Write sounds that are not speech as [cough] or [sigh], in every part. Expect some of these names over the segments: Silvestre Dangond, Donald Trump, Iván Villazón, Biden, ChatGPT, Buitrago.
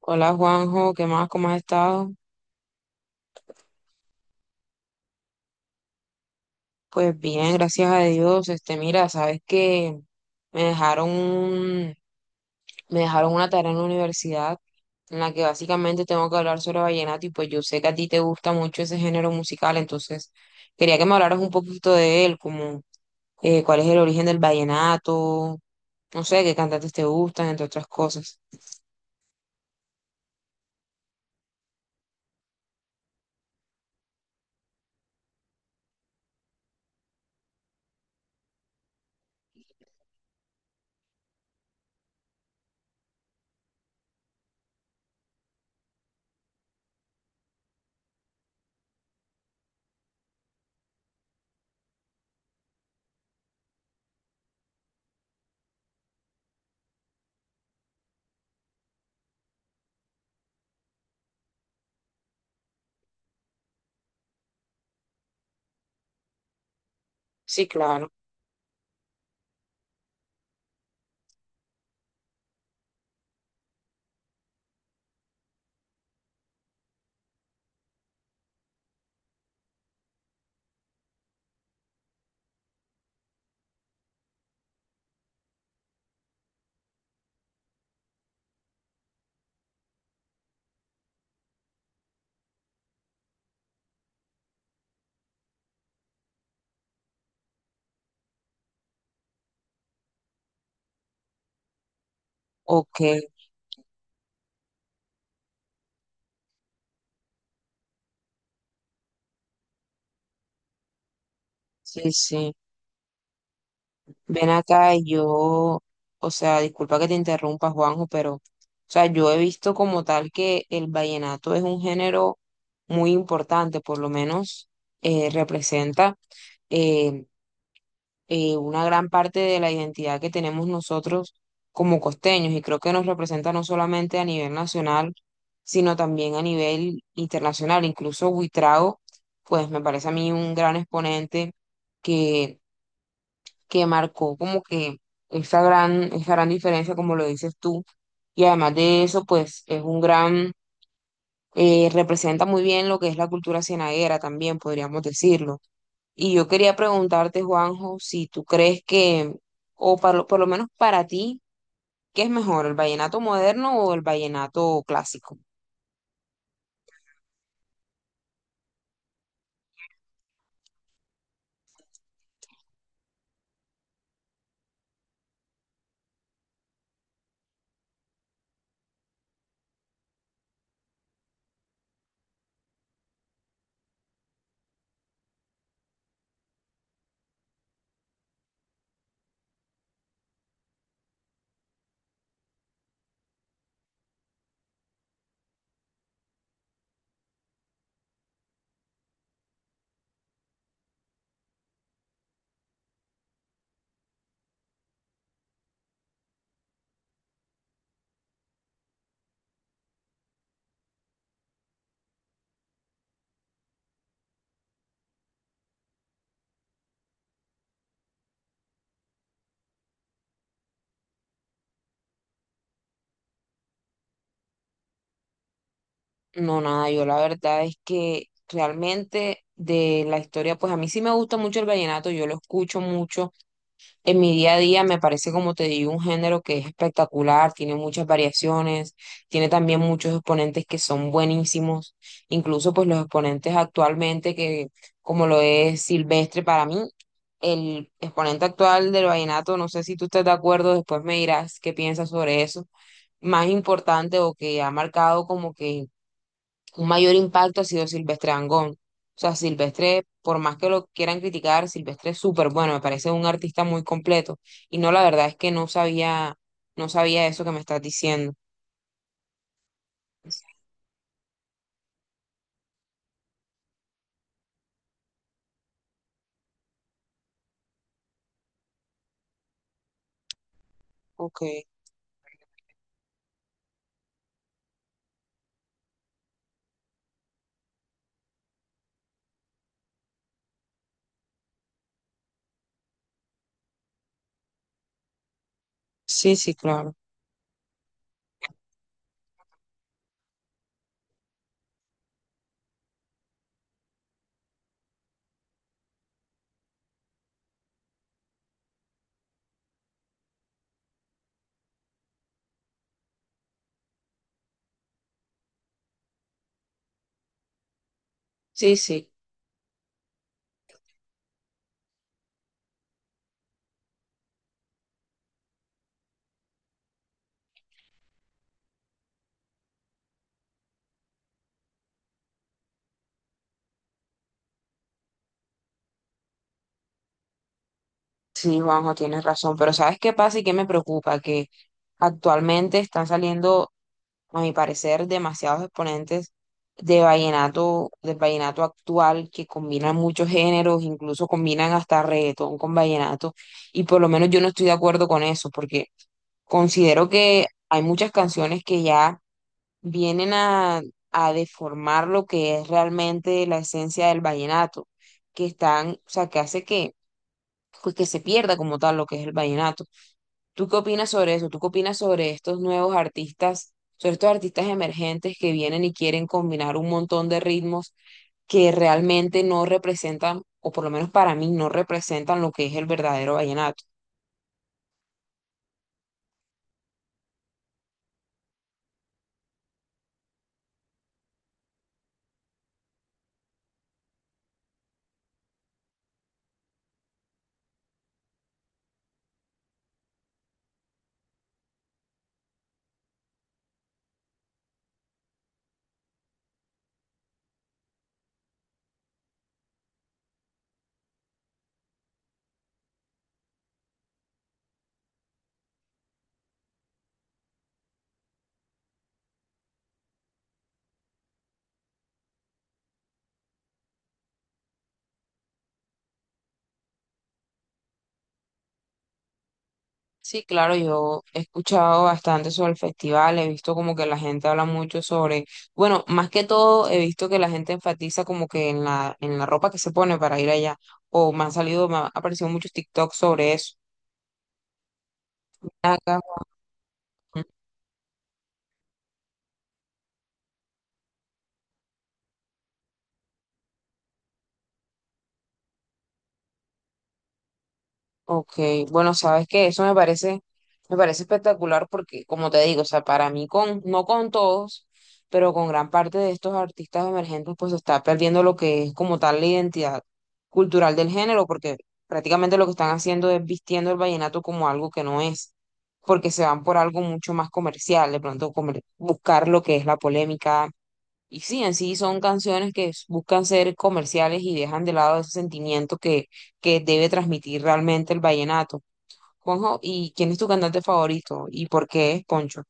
Hola Juanjo, ¿qué más? ¿Cómo has estado? Pues bien, gracias a Dios. Este, mira, sabes que me dejaron un- me dejaron una tarea en la universidad en la que básicamente tengo que hablar sobre vallenato y pues yo sé que a ti te gusta mucho ese género musical, entonces quería que me hablaras un poquito de él, como cuál es el origen del vallenato, no sé, qué cantantes te gustan, entre otras cosas. Sí, claro. Ok, sí, sí. Ven acá, y yo, o sea, disculpa que te interrumpa, Juanjo, pero, o sea, yo he visto como tal que el vallenato es un género muy importante, por lo menos representa eh, una gran parte de la identidad que tenemos nosotros como costeños, y creo que nos representa no solamente a nivel nacional, sino también a nivel internacional. Incluso Buitrago, pues me parece a mí un gran exponente que marcó como que esa gran diferencia, como lo dices tú. Y además de eso, pues es un gran, representa muy bien lo que es la cultura cienaguera también, podríamos decirlo. Y yo quería preguntarte, Juanjo, si tú crees que, por lo menos para ti, ¿qué es mejor, el vallenato moderno o el vallenato clásico? No, nada, yo la verdad es que realmente de la historia, pues a mí sí me gusta mucho el vallenato, yo lo escucho mucho en mi día a día me parece, como te digo, un género que es espectacular, tiene muchas variaciones, tiene también muchos exponentes que son buenísimos, incluso pues los exponentes actualmente que, como lo es Silvestre para mí, el exponente actual del vallenato, no sé si tú estás de acuerdo, después me dirás qué piensas sobre eso, más importante o que ha marcado como que un mayor impacto ha sido Silvestre Dangond. O sea, Silvestre, por más que lo quieran criticar, Silvestre es súper bueno, me parece un artista muy completo. Y no, la verdad es que no sabía, eso que me estás diciendo. Ok, sí, sí, claro. Sí, sí. Sí, Juanjo, tienes razón, pero ¿sabes qué pasa y qué me preocupa? Que actualmente están saliendo, a mi parecer, demasiados exponentes de vallenato, del vallenato actual, que combinan muchos géneros, incluso combinan hasta reggaetón con vallenato, y por lo menos yo no estoy de acuerdo con eso, porque considero que hay muchas canciones que ya vienen a deformar lo que es realmente la esencia del vallenato, que están, o sea, que hace que pues, que se pierda como tal lo que es el vallenato. ¿Tú qué opinas sobre eso? ¿Tú qué opinas sobre estos nuevos artistas, sobre estos artistas emergentes que vienen y quieren combinar un montón de ritmos que realmente no representan, o por lo menos para mí, no representan lo que es el verdadero vallenato? Sí, claro, yo he escuchado bastante sobre el festival, he visto como que la gente habla mucho sobre, bueno, más que todo he visto que la gente enfatiza como que en la ropa que se pone para ir allá, o me han salido, me han aparecido muchos TikToks sobre eso. Acá, ok, bueno, sabes que eso me parece espectacular porque, como te digo, o sea, para mí con, no con todos, pero con gran parte de estos artistas emergentes, pues se está perdiendo lo que es como tal la identidad cultural del género, porque prácticamente lo que están haciendo es vistiendo el vallenato como algo que no es, porque se van por algo mucho más comercial, buscar lo que es la polémica, y sí, en sí son canciones que buscan ser comerciales y dejan de lado ese sentimiento que debe transmitir realmente el vallenato. Juanjo, ¿y quién es tu cantante favorito? ¿Y por qué es Poncho?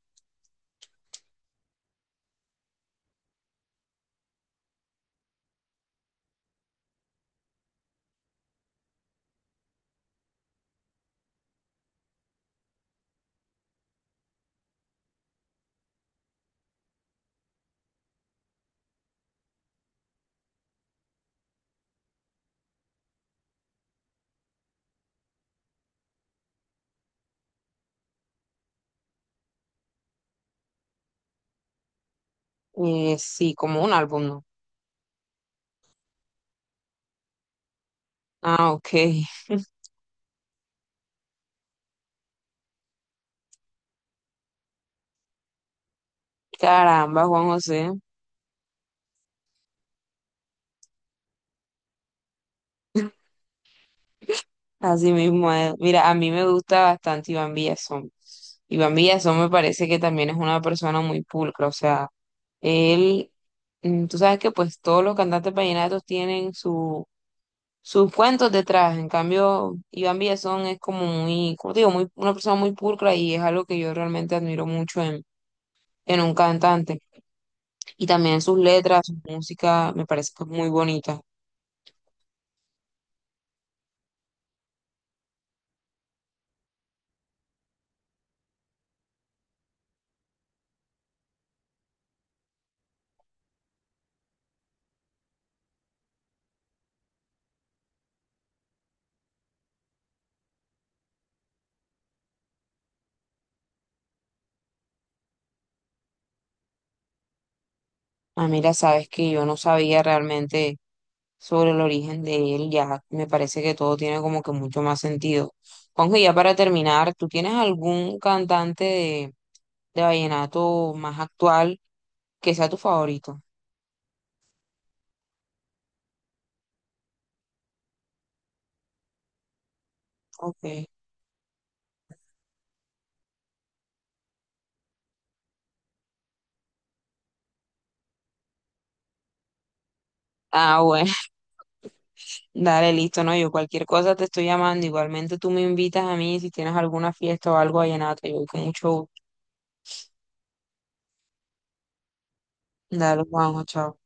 Sí, como un álbum, ¿no? Ah, ok. [laughs] Caramba, Juan José. Así mismo es. Mira, a mí me gusta bastante Iván Villazón. Iván Villazón me parece que también es una persona muy pulcra. O sea, él, mm, tú sabes que pues todos los cantantes vallenatos tienen su. Sus cuentos detrás, en cambio, Iván Villazón es como muy, como te digo, muy, una persona muy pulcra y es algo que yo realmente admiro mucho en un cantante. Y también sus letras, su música, me parece que es muy bonita. Ah, mira, sabes que yo no sabía realmente sobre el origen de él, ya me parece que todo tiene como que mucho más sentido. Juanjo, y ya para terminar, ¿tú tienes algún cantante de vallenato más actual que sea tu favorito? Ok. Ah, bueno. Dale, listo, no, yo cualquier cosa te estoy llamando. Igualmente tú me invitas a mí si tienes alguna fiesta o algo vallenato. Yo voy con mucho gusto. Dale, vamos chao.